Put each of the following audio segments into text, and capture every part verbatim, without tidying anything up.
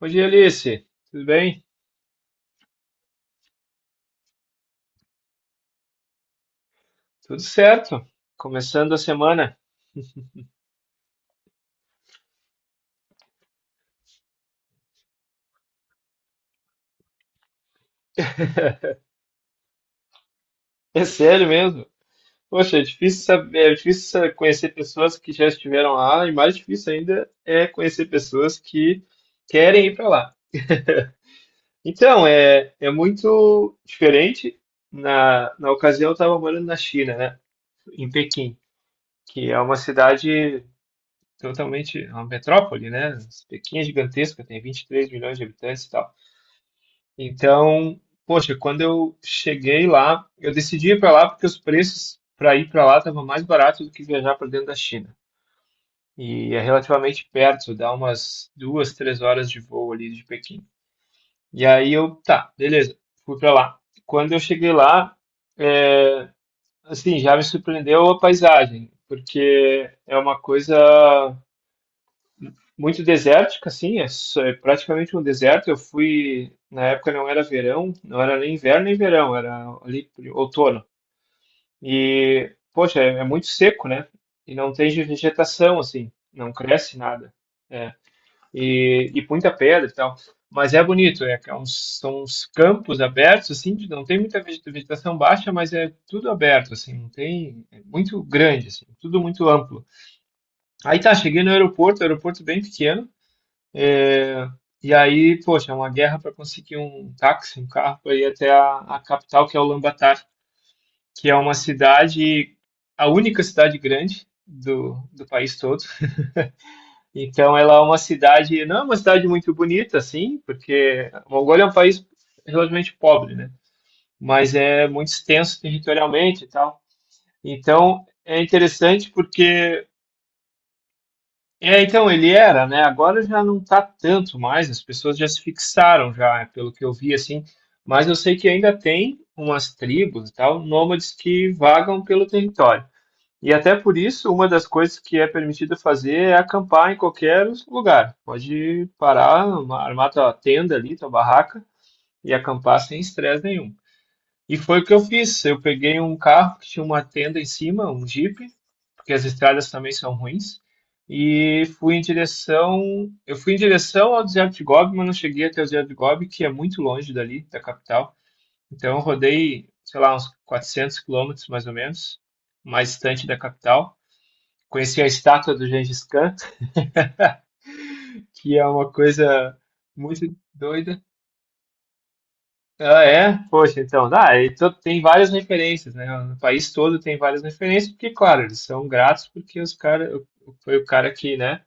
Bom dia, Alice. Tudo bem? Tudo certo? Começando a semana. É sério mesmo? Poxa, é difícil saber, é difícil sa- conhecer pessoas que já estiveram lá e mais difícil ainda é conhecer pessoas que querem ir para lá. Então, é, é muito diferente. Na, na ocasião, eu estava morando na China, né? Em Pequim, que é uma cidade totalmente, é uma metrópole, né? Pequim é gigantesca, tem vinte e três milhões de habitantes e tal. Então, poxa, quando eu cheguei lá, eu decidi ir para lá porque os preços para ir para lá estavam mais baratos do que viajar para dentro da China. E é relativamente perto, dá umas duas, três horas de voo ali de Pequim. E aí eu, tá, beleza, fui para lá. Quando eu cheguei lá, é, assim, já me surpreendeu a paisagem, porque é uma coisa muito desértica, assim, é, só- é praticamente um deserto. Eu fui, na época não era verão, não era nem inverno nem verão, era ali por outono. E, poxa, é, é muito seco, né? E não tem vegetação, assim, não cresce nada. É, e, e muita pedra e tal. Mas é bonito, é, que é uns, são uns campos abertos, assim, de- não tem muita vege- vegetação baixa, mas é tudo aberto, assim, não tem, é muito grande, assim, tudo muito amplo. Aí tá, cheguei no aeroporto, aeroporto bem pequeno, é, e aí, poxa, é uma guerra para conseguir um táxi, um carro para ir até a, a capital, que é Ulaanbaatar, que é uma cidade, a única cidade grande do, do país todo. Então, ela é uma cidade, não é uma cidade muito bonita, assim, porque a Mongólia é um país relativamente pobre, né? Mas é muito extenso territorialmente e tal. Então, é interessante porque é, então ele era, né? Agora já não tá tanto mais, as pessoas já se fixaram já, é, pelo que eu vi assim, mas eu sei que ainda tem umas tribos e tal, nômades que vagam pelo território. E até por isso, uma das coisas que é permitido fazer é acampar em qualquer lugar. Pode parar, armar tua tenda ali, tua barraca e acampar sem estresse nenhum. E foi o que eu fiz. Eu peguei um carro que tinha uma tenda em cima, um Jeep, porque as estradas também são ruins, e fui em direção, eu fui em direção ao deserto de Gobi, mas não cheguei até o deserto de Gobi, que é muito longe dali, da capital. Então eu rodei, sei lá, uns quatrocentos quilômetros mais ou menos, mais distante da capital. Conheci a estátua do Gengis Khan, que é uma coisa muito doida. Ah, é? Poxa, então, ah, e to- tem várias referências, né? No país todo tem várias referências, porque, claro, eles são gratos porque os cara, foi o cara que, né,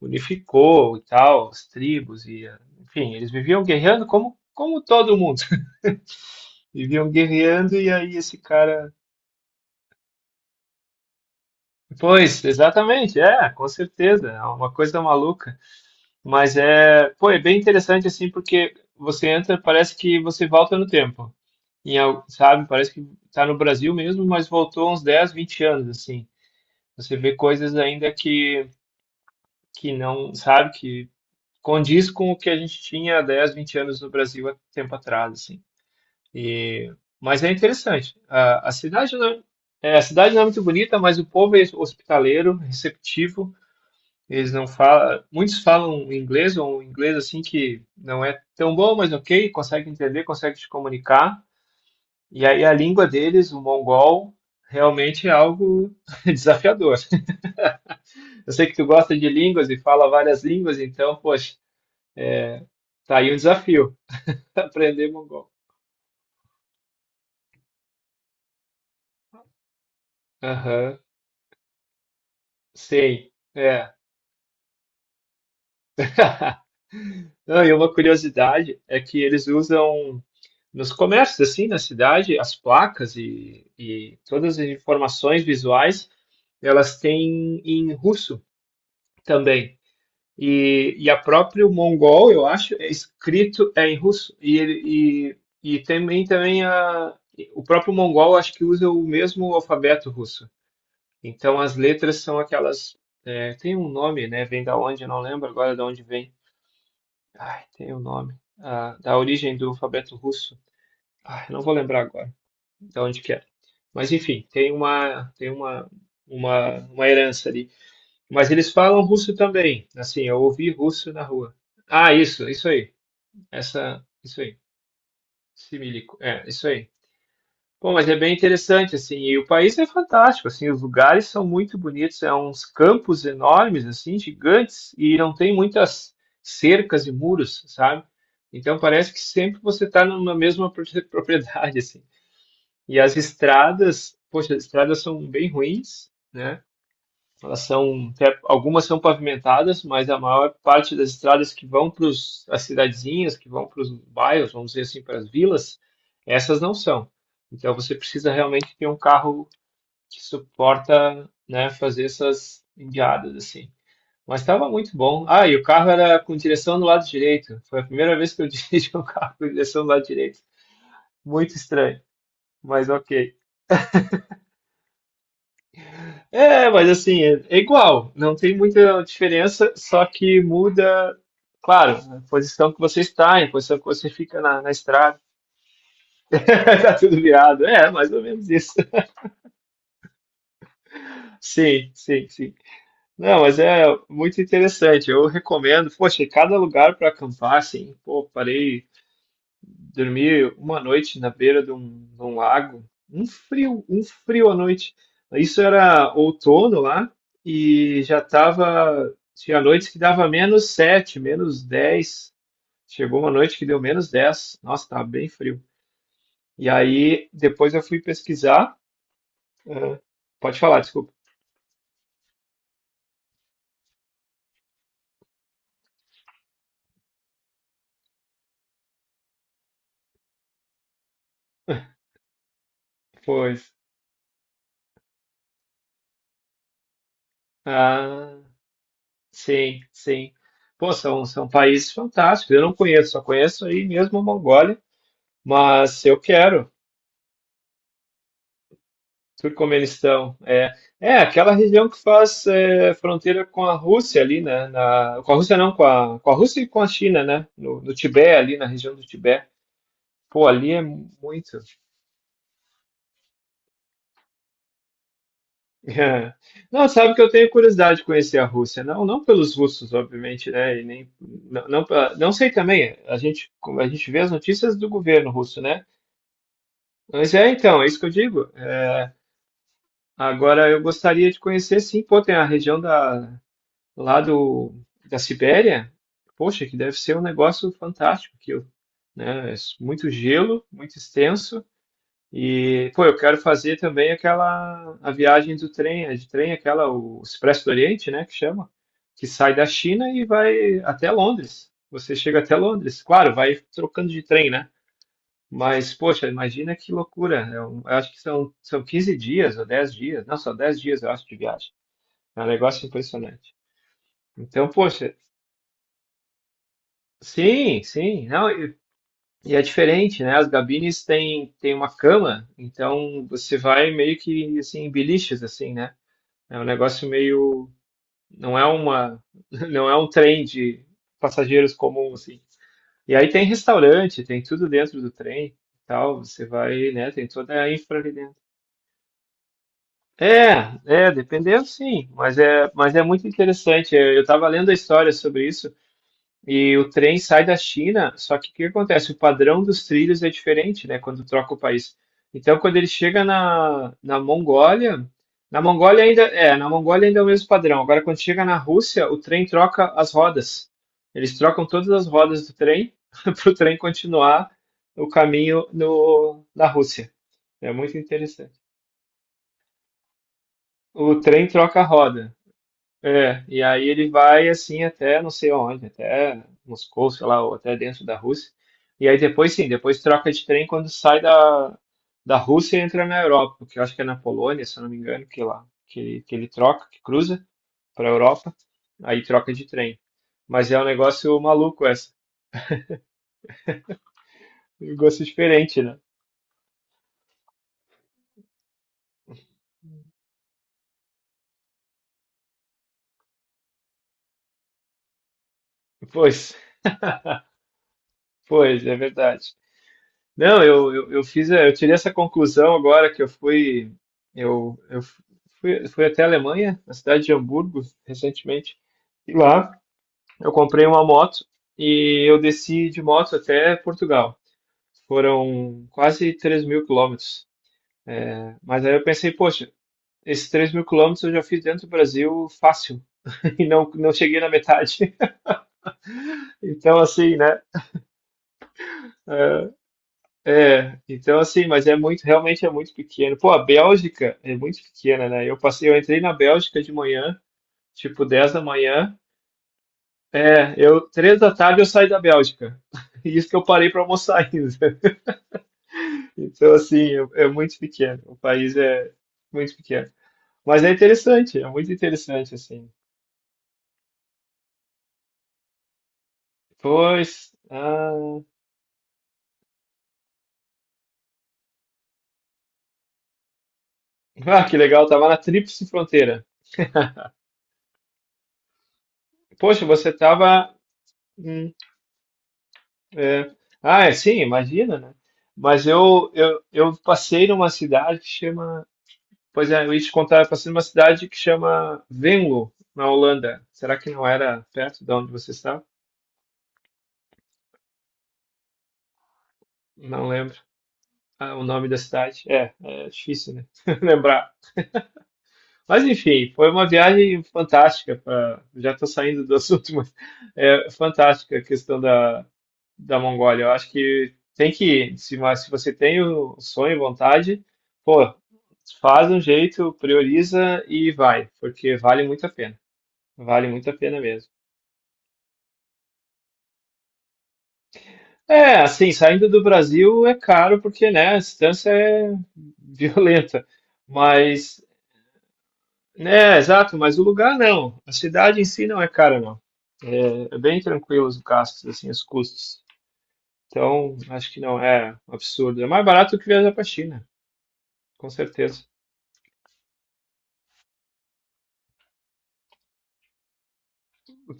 unificou e tal, as tribos e, eh, enfim, eles viviam guerreando como, como todo mundo. Viviam guerreando e aí esse cara... Pois, exatamente, é, com certeza, é uma coisa maluca. Mas é, pô, é bem interessante assim, porque você entra, parece que você volta no tempo. em al- sabe, parece que está no Brasil mesmo, mas voltou uns dez, vinte anos, assim. Você vê coisas ainda que, que não, sabe, que condiz com o que a gente tinha há dez, vinte anos no Brasil há tempo atrás, assim. E, mas é interessante. A, a cidade não é, é, a cidade não é muito bonita, mas o povo é hospitaleiro, receptivo. Eles não falam, muitos falam inglês ou um inglês assim que não é tão bom, mas ok, consegue entender, consegue se comunicar. E aí a língua deles, o mongol, realmente é algo desafiador. Eu sei que tu gosta de línguas e fala várias línguas, então, poxa, tá aí um desafio, aprender mongol. Aham, sim, é. Não, e uma curiosidade é que eles usam nos comércios, assim, na cidade, as placas e, e todas as informações visuais, elas têm em russo também. E, e a próprio mongol, eu acho, é escrito é em russo. E, ele, e, e também, também a, o próprio mongol, acho que usa o mesmo alfabeto russo. Então as letras são aquelas. É, tem um nome, né? Vem da onde? Eu não lembro agora de onde vem. Ai, tem um nome. Ah, da origem do alfabeto russo. Ai, não vou lembrar agora de onde que é. Mas enfim, tem uma, tem uma, uma, uma herança ali. Mas eles falam russo também. Assim, eu ouvi russo na rua. Ah, isso, isso aí. Essa, isso aí. Similico. É, isso aí. Bom, mas é bem interessante, assim, e o país é fantástico, assim, os lugares são muito bonitos, é uns campos enormes, assim, gigantes, e não tem muitas cercas e muros, sabe? Então parece que sempre você está numa mesma pro- propriedade, assim. E as estradas, poxa, as estradas são bem ruins, né? Elas são, até- algumas são pavimentadas, mas a maior parte das estradas que vão para as cidadezinhas, que vão para os bairros, vamos dizer assim, para as vilas, essas não são. Então você precisa realmente ter um carro que suporta, né, fazer essas enguiadas assim. Mas estava muito bom. Ah, e o carro era com direção do lado direito. Foi a primeira vez que eu dirigi um carro com direção do lado direito. Muito estranho, mas ok. É, mas assim, é é igual, não tem muita diferença, só que muda, claro, a posição que você está, a posição que você fica na, na estrada, tá tudo virado. É, mais ou menos isso. Sim, sim, sim. Não, mas é muito interessante. Eu recomendo, poxa, cada lugar para acampar, assim, pô, parei. Dormi uma noite na beira de um, de um lago, um frio, um frio à noite. Isso era outono lá e já tava, tinha noites que dava menos sete menos dez. Chegou uma noite que deu menos dez. Nossa, tava bem frio. E aí depois eu fui pesquisar. Ah, pode falar, desculpa. Pois. Ah, sim, sim. Pô, são, são países fantásticos. Eu não conheço, só conheço aí mesmo a Mongólia, mas eu quero. Turcomenistão, é. É, aquela região que faz é, fronteira com a Rússia ali, né? Na, com a Rússia não, com a, com a Rússia e com a China, né? No, no Tibete, ali na região do Tibete. Pô, ali é muito. Não, sabe que eu tenho curiosidade de conhecer a Rússia. Não, não pelos russos, obviamente, né? E nem, não, não, pela- não sei também. A gente, a gente vê as notícias do governo russo, né? Mas é, então, é isso que eu digo. É, agora, eu gostaria de conhecer, sim, pô, tem a região da, lá do, da Sibéria, poxa, que deve ser um negócio fantástico aquilo, né? É muito gelo, muito extenso. E, pô, eu quero fazer também aquela, a viagem do trem, a de trem, aquela, o Expresso do Oriente, né, que chama, que sai da China e vai até Londres. Você chega até Londres, claro, vai trocando de trem, né? Mas, poxa, imagina que loucura. É um, eu acho que são, são quinze dias ou dez dias, não, só dez dias, eu acho, de viagem. É um negócio impressionante. Então, poxa, sim, sim. Não, e, e é diferente, né? As gabines têm, têm uma cama, então você vai meio que assim, em biliches, assim, né? É um negócio meio. Não é uma. Não é um trem de passageiros comum, assim. E aí tem restaurante, tem tudo dentro do trem e tal. Você vai, né? Tem toda a infra ali dentro. É, é, dependendo, sim. Mas é, mas é muito interessante. Eu estava lendo a história sobre isso. E o trem sai da China, só que o que acontece? O padrão dos trilhos é diferente, né? Quando troca o país. Então, quando ele chega na, na Mongólia, na Mongólia ainda é, na Mongólia ainda é o mesmo padrão. Agora, quando chega na Rússia, o trem troca as rodas. Eles trocam todas as rodas do trem para o trem continuar o caminho no, na Rússia. É muito interessante. O trem troca a roda. É, e aí ele vai assim até não sei onde, até Moscou, sei lá, ou até dentro da Rússia. E aí depois sim, depois troca de trem quando sai da, da Rússia e entra na Europa, que eu acho que é na Polônia, se eu não me engano, que lá que ele, que ele troca, que cruza para a Europa, aí troca de trem. Mas é um negócio maluco essa, um negócio diferente, né? Pois, pois, é verdade. Não, eu, eu, eu fiz, a- eu tirei essa conclusão agora que eu fui, eu, eu fui, fui até a Alemanha, na cidade de Hamburgo, recentemente, e lá eu comprei uma moto e eu desci de moto até Portugal. Foram quase três mil quilômetros. Mas aí eu pensei, poxa, esses três mil quilômetros eu já fiz dentro do Brasil fácil e não, não cheguei na metade. Então, assim, né? É, então assim, mas é muito, realmente é muito pequeno. Pô, a Bélgica é muito pequena, né? Eu passei, eu entrei na Bélgica de manhã, tipo dez da manhã. É, eu, três da tarde eu saí da Bélgica. E isso que eu parei para almoçar ainda. Então assim, é, é muito pequeno. O país é muito pequeno. Mas é interessante, é muito interessante assim. Pois, ah, ah, que legal, tava na tríplice fronteira. Poxa, você tava é. Ah, é, sim, imagina, né? Mas eu, eu, eu passei numa cidade que chama. Pois é, eu ia te contar, eu passei numa cidade que chama Venlo, na Holanda. Será que não era perto de onde você está? Não lembro. Ah, o nome da cidade. É, é difícil, né? Lembrar. Mas enfim, foi uma viagem fantástica. pra- Já estou saindo do assunto, mas é fantástica a questão da, da Mongólia. Eu acho que tem que ir. Se, mas se você tem o sonho e vontade, pô, faz um jeito, prioriza e vai, porque vale muito a pena. Vale muito a pena mesmo. É, assim, saindo do Brasil é caro porque, né, a distância é violenta, mas é, exato, mas o lugar não. A cidade em si não é cara, não. É, é bem tranquilo os gastos, assim, os custos. Então, acho que não é um absurdo. É mais barato que viajar para China, com certeza.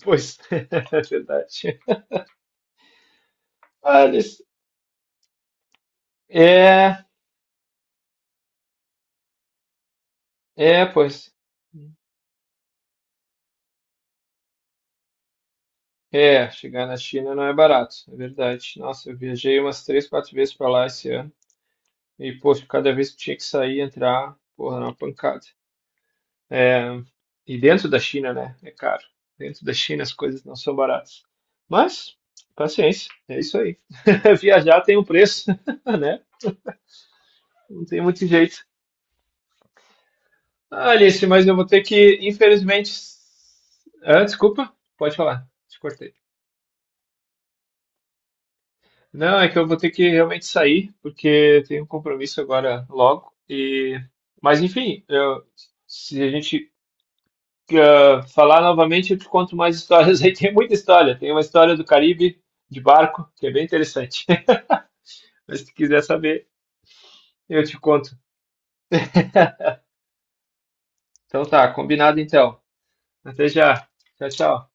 Pois, é verdade. Olha, é, é, pois, é, chegar na China não é barato, é verdade. Nossa, eu viajei umas três, quatro vezes para lá esse ano e, poxa, cada vez que tinha que sair e entrar, porra, era uma pancada. É, e dentro da China, né? É caro. Dentro da China as coisas não são baratas. Mas, paciência, é isso aí. Viajar tem um preço, né? Não tem muito jeito. Ah, Alice, mas eu vou ter que, infelizmente. Ah, desculpa, pode falar, te cortei. Não, é que eu vou ter que realmente sair, porque tenho um compromisso agora logo. E... Mas, enfim, eu- se a gente ah, falar novamente, eu te conto mais histórias aí. Tem muita história. Tem uma história do Caribe de barco, que é bem interessante. Mas se quiser saber, eu te conto. Então tá, combinado então. Até já. Tchau, tchau.